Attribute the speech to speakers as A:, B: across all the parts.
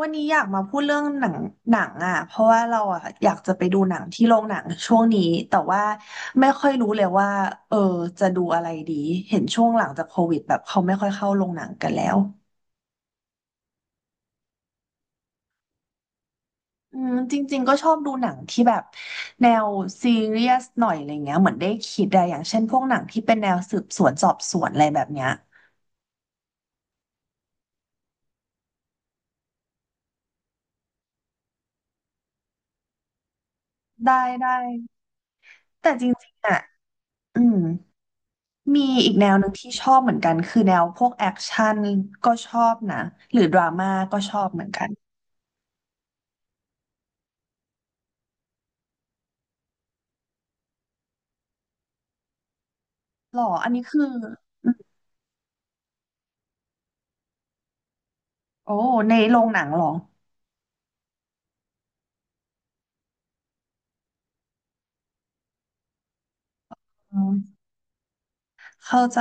A: วันนี้อยากมาพูดเรื่องหนังหนังอ่ะเพราะว่าเราอ่ะอยากจะไปดูหนังที่โรงหนังช่วงนี้แต่ว่าไม่ค่อยรู้เลยว่าเออจะดูอะไรดีเห็นช่วงหลังจากโควิดแบบเขาไม่ค่อยเข้าโรงหนังกันแล้วอืมจริงๆก็ชอบดูหนังที่แบบแนวซีเรียสหน่อยอะไรเงี้ยเหมือนได้คิดอะอย่างเช่นพวกหนังที่เป็นแนวสืบสวนสอบสวนอะไรแบบเนี้ยได้ได้แต่จริงๆอ่ะอืม มีอีกแนวหนึ่งที่ชอบเหมือนกันคือแนวพวกแอคชั่นก็ชอบนะหรือดราม่าก็ชอบเหมือนกันหรออันนี้คืออืมโอ้ในโรงหนังหรออืมเข้าใจ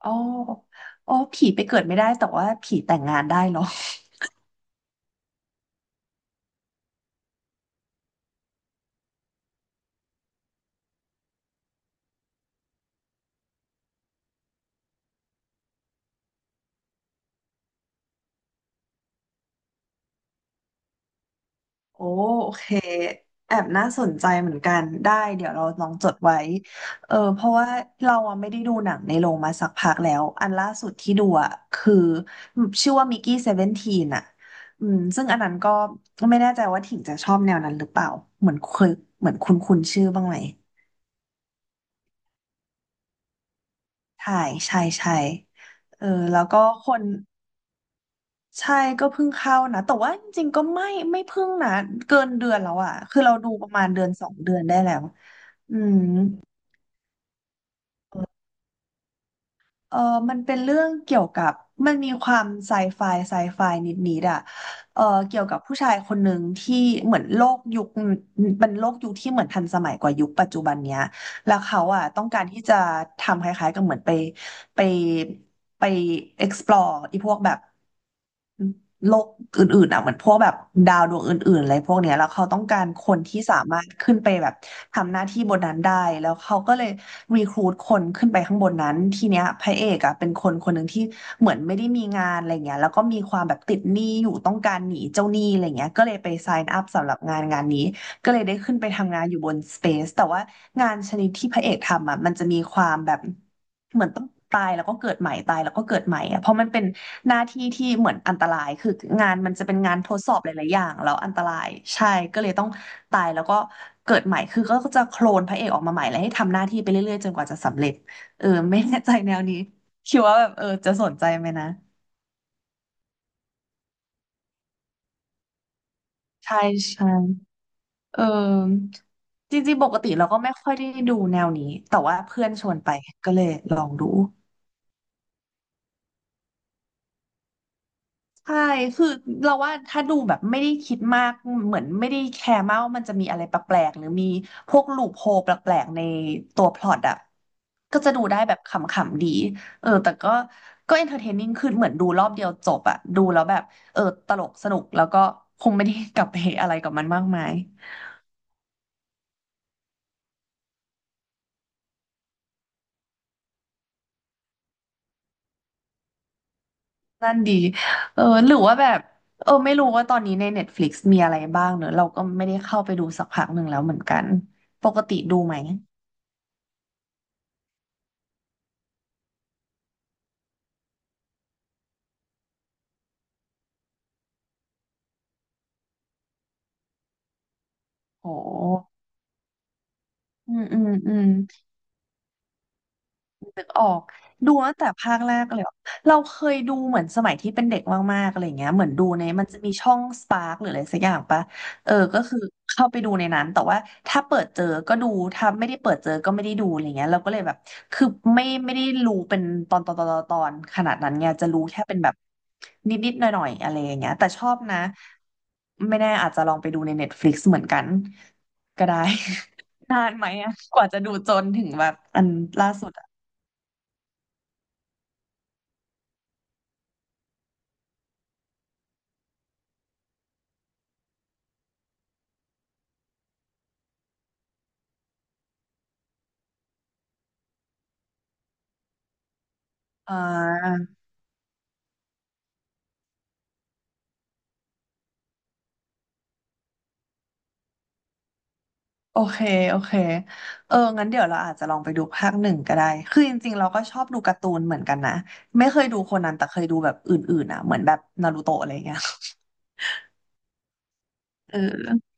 A: โอ้โอ้ผีไปเกิดไม่ได้แต่ว่าผีแต่งงานได้เหรอ โอ้โอเคแอบน่าสนใจเหมือนกันได้เดี๋ยวเราลองจดไว้เออเพราะว่าเราอะไม่ได้ดูหนังในโรงมาสักพักแล้วอันล่าสุดที่ดูอ่ะคือชื่อว่ามิกกี้เซเวนทีนอ่ะอืมซึ่งอันนั้นก็ไม่แน่ใจว่าถิ่งจะชอบแนวนั้นหรือเปล่าเหมือนเคยเหมือนคุ้นคุ้นชื่อบ้างไหมใช่ใช่ใช่เออแล้วก็คน ใช่ก็เพิ่งเข้านะแต่ว่าจริงๆก็ไม่เพิ่งนะเกินเดือนแล้วอ่ะคือเราดูประมาณเดือนสองเดือนได้แล้วอืมเออมันเป็นเรื่องเกี่ยวกับมันมีความไซไฟไซไฟนิดๆอ่ะเออเกี่ยวกับผู้ชายคนหนึ่งที่เหมือนโลกยุคเป็นโลกยุคที่เหมือนทันสมัยกว่ายุคปัจจุบันเนี้ยแล้วเขาอ่ะต้องการที่จะทำคล้ายๆกับเหมือนไปไปไป explore ไอีพวกแบบ โลกอื่นๆอ่ะเหมือนพวกแบบดาวดวงอื่นๆอะไรพวกเนี้ยแล้วเขาต้องการคนที่สามารถขึ้นไปแบบทำหน้าที่บนนั้นได้แล้วเขาก็เลยรีครูทคนขึ้นไปข้างบนนั้นทีเนี้ยพระเอกอ่ะเป็นคนคนหนึ่งที่เหมือนไม่ได้มีงานอะไรเงี้ยแล้วก็มีความแบบติดหนี้อยู่ต้องการหนีเจ้าหนี้อะไรเงี้ยก็เลยไป sign up สำหรับงานงานนี้ก็เลยได้ขึ้นไปทำงานอยู่บน Space แต่ว่างานชนิดที่พระเอกทำอ่ะมันจะมีความแบบเหมือนต้องตายแล้วก็เกิดใหม่ตายแล้วก็เกิดใหม่อ่ะเพราะมันเป็น หน้าที่ที่เหมือนอันตรายคืองานมันจะเป็นงานทดสอบหลายๆอย่างแล้วอันตรายใช่ก็เลยต้องตายแล้วก็เกิดใหม่คือก็จะโคลนพระเอกออกมาใหม่แล้วให้ทำหน้าที่ไปเรื่อยๆจนกว่าจะสำเร็จเออไม่แน่ใจแนวนี้คิดว่าแบบเออจะสนใจไหมนะใช่ใช่เออจริงๆปกติเราก็ไม่ค่อยได้ดูแนวนี้แต่ว่าเพื่อนชวนไปก็เลยลองดู ใช่คือเราว่าถ้าดูแบบไม่ได้คิดมาก เหมือนไม่ได้แคร์มากว่ามันจะมีอะไรแปลกๆหรือมีพวกลูปโฮลแปลกๆในตัวพล็อตอ่ะก็จะดูได้แบบขำๆดีเออแต่ก็ก็เอนเตอร์เทนนิ่งขึ้นเหมือนดูรอบเดียวจบอ่ะดูแล้วแบบเออตลกสนุกแล้วก็คงไม่ได้กลับไปอะไรกับมันมากมายนั่นดีเออหรือว่าแบบเออไม่รู้ว่าตอนนี้ใน Netflix มีอะไรบ้างเนอะเราก็ไม่ได้เข้าไปดูสักพักหนึ่งแล้วเหมือนกันปกติดูไหมโอ้ อืมอืมอืม กออกดูตั้งแต่ภาคแรกเลยอะเราเคยดูเหมือนสมัยที่เป็นเด็กมากๆอะไรเงี้ยเหมือนดูในมันจะมีช่องสปาร์กหรืออะไรสักอย่างปะเออก็คือเข้าไปดูในนั้นแต่ว่าถ้าเปิดเจอก็ดูถ้าไม่ได้เปิดเจอก็ไม่ได้ดูอะไรเงี้ยเราก็เลยแบบคือไม่ได้รู้เป็นตอนขนาดนั้นไงจะรู้แค่เป็นแบบนิดๆหน่อยๆอะไรอย่างเงี้ยแต่ชอบนะไม่แน่อาจจะลองไปดูใน Netflix เหมือนกันก็ได้ นานไหมอะกว่าจะดูจนถึงแบบอันล่าสุดอะ อ่าโอเคโอเคเอองั้นเดี๋ยวเราอาจจะลองไปดูภาคหนึ่งก็ได้คือจริงๆเราก็ชอบดูการ์ตูนเหมือนกันนะไม่เคยดูโคนันแต่เคยดูแบบอื่นๆอ่ะเหมือนแบบนารูโตะอะไรเงี้ยเออ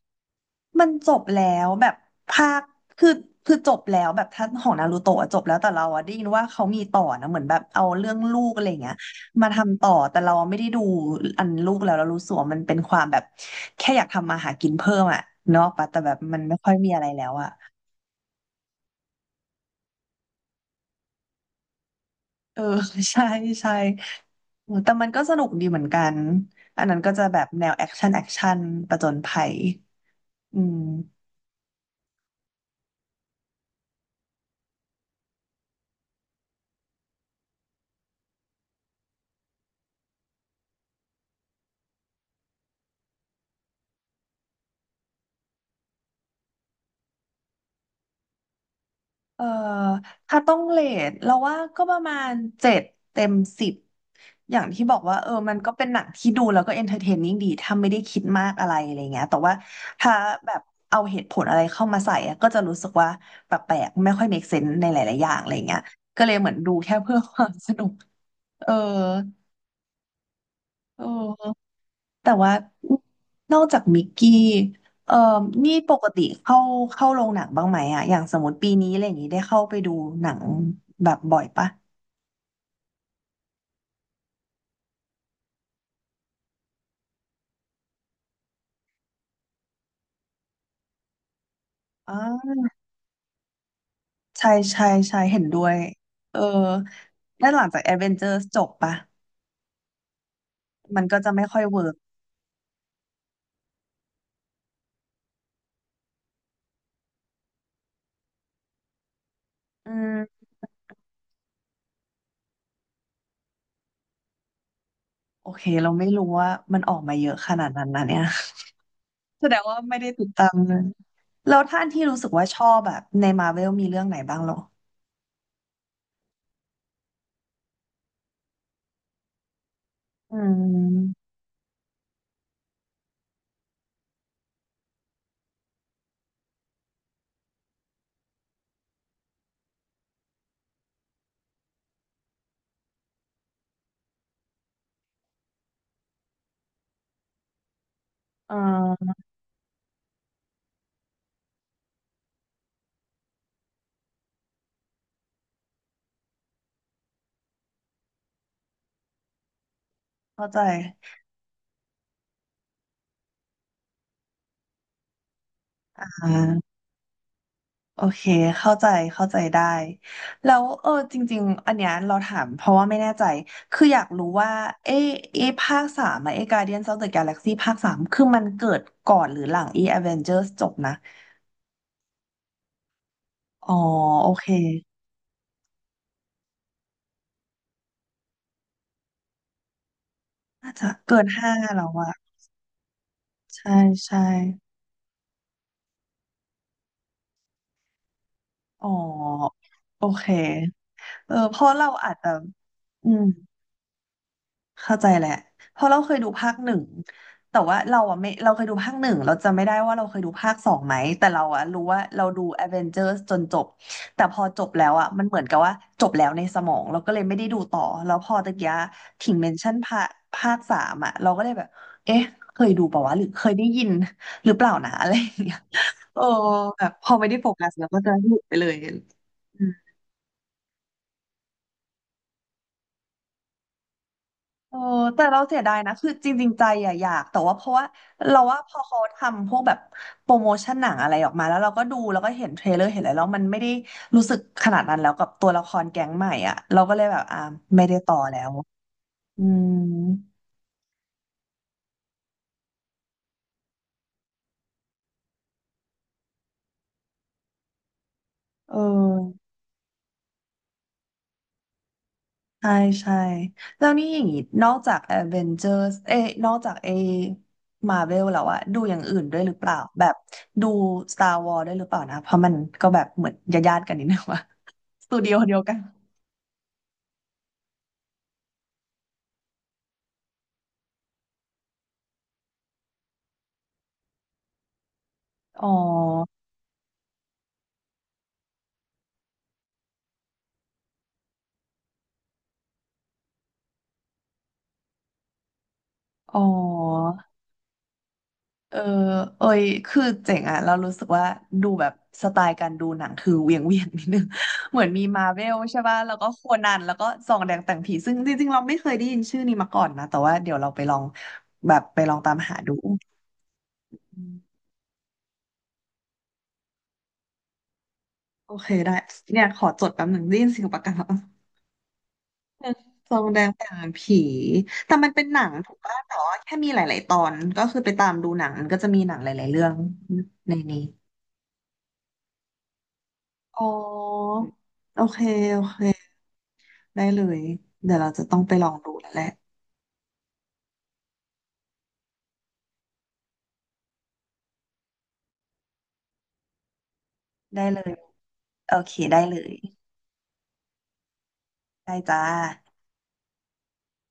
A: มันจบแล้วแบบภาคคือคือจบแล้วแบบท่านของนารูโตะอะจบแล้วแต่เราอะได้ยินว่าเขามีต่อนะเหมือนแบบเอาเรื่องลูกอะไรเงี้ยมาทำต่อแต่เราไม่ได้ดูอันลูกแล้วเรารู้สึกว่ามันเป็นความแบบแค่อยากทำมาหากินเพิ่มอะเนาะปะแต่แบบมันไม่ค่อยมีอะไรแล้วอะ เออ ใช่ใช่โอ้แต่มันก็สนุกดีเหมือนกันอันนั้นก็จะแบบแนวแอคชั่นประจนภัยอืมเออถ้าต้องเรทเราว่าก็ประมาณ7เต็ม10อย่างที่บอกว่าเออมันก็เป็นหนังที่ดูแล้วก็เอนเตอร์เทนนิ่งดีถ้าไม่ได้คิดมากอะไรอะไรเงี้ยแต่ว่าถ้าแบบเอาเหตุผลอะไรเข้ามาใส่อะก็จะรู้สึกว่าแปลกๆไม่ค่อย make sense ในหลายๆอย่างอะไรเงี้ยก็เลยเหมือนดูแค่เพื่อความ สนุกเออเออ แต่ว่านอกจากมิกกี้เอ่อนี่ปกติเข้าโรงหนังบ้างไหมอะอย่างสมมติปีนี้อะไรอย่างนี้ได้เข้าไปดูหนังแบบบ่อยปะอ๋อใช่ใช่ใช่เห็นด้วยเออแล้วหลังจากแอดเวนเจอร์จบปะมันก็จะไม่ค่อยเวิร์กอืมโอเคเราไม่รู้ว่ามันออกมาเยอะขนาดนั้นนะเนี่ย แสดงว่าไม่ได้ติดตามเลยแล้วท่าอันที่รู้สึกว่าชอบแบบในมาเวลมีเรื่องไหนบ้างเหรออืมเออเข้าใจอ่า โอเคเข้าใจเข้าใจได้แล้วเออจริงๆอันเนี้ยเราถามเพราะว่าไม่แน่ใจคืออยากรู้ว่าเอเอภาคสามอะเอ Guardians of the Galaxy ภาค3คือมันเกิดก่อนหรือหลังเอ Avengers จบนะอ๋อโอเคน่าจะเกิน5แล้วอะใช่ใช่อ๋อโอเคเออเพราะเราอาจจะอืม เข้าใจแหละเพราะเราเคยดูภาคหนึ่งแต่ว่าเราอะไม่เราเคยดูภาคหนึ่งเราจำไม่ได้ว่าเราเคยดูภาคสองไหมแต่เราอะรู้ว่าเราดู Avengers จนจบแต่พอจบแล้วอะมันเหมือนกับว่าจบแล้วในสมองเราก็เลยไม่ได้ดูต่อแล้วพอตะกี้ถิงเมนชั่นภาคสามอะเราก็เลยแบบเอ๊ะเคยดูเปล่าวะหรือเคยได้ยินหรือเปล่านะ อะไรอย่างเงี้ยโอ้แบบพอไม่ได้โฟกัสแล้วก็จะหลุดไปเลยอืม โอ้แต่เราเสียดายนะคือจริงๆใจอะอยากแต่ว่าเพราะว่าเราว่าพอเขาทำพวกแบบโปรโมชั่นหนังอะไรออกมาแล้วเราก็ดูแล้วก็เห็นเทรลเลอร์เห็นอะไรแล้วมันไม่ได้รู้สึกขนาดนั้นแล้วกับตัวละครแก๊งใหม่อ่ะเราก็เลยแบบอ่าไม่ได้ต่อแล้วอืมเออใช่ใช่แล้วนี่อย่างงี้นอกจาก Avengers เอ้ยนอกจากไอ้ Marvel แล้วอะดูอย่างอื่นด้วยหรือเปล่าแบบดู Star Wars ด้วยหรือเปล่านะเพราะมันก็แบบเหมือนญาติๆกันนิดนึง ว่าสตูดิโอเดียวกัน อ๋อ อ๋อ เออ เอ้ยคือเจ๋งอะเรารู้สึกว่าดูแบบสไตล์การดูหนังคือเวียงนิดนึง เหมือนมีมาเวลใช่ป่ะแล้วก็โคนันแล้วก็ส่องแดงแต่งผี ซึ่งจริงๆเราไม่เคยได้ยินชื่อนี้มาก่อนนะ แต่ว่าเดี๋ยวเราไปลองแบบไปลองตามหาดูอืมโอเคได้ เนี่ยขอจดแป๊บหนึ่งได้ยินเสียงปากกาสองแดงแต่งผีแต่มันเป็นหนังถูกป่ะแต่ว่าแค่มีหลายๆตอนก็คือไปตามดูหนังมันก็จะมีหนังหลายๆเรื่องในนี้ อ๋อโอเค โอเค ได้เลย เดี๋ยวเราจะต้องไปลองดูแล้วแหละได้เลย โอเค ได้เลย ได้จ้า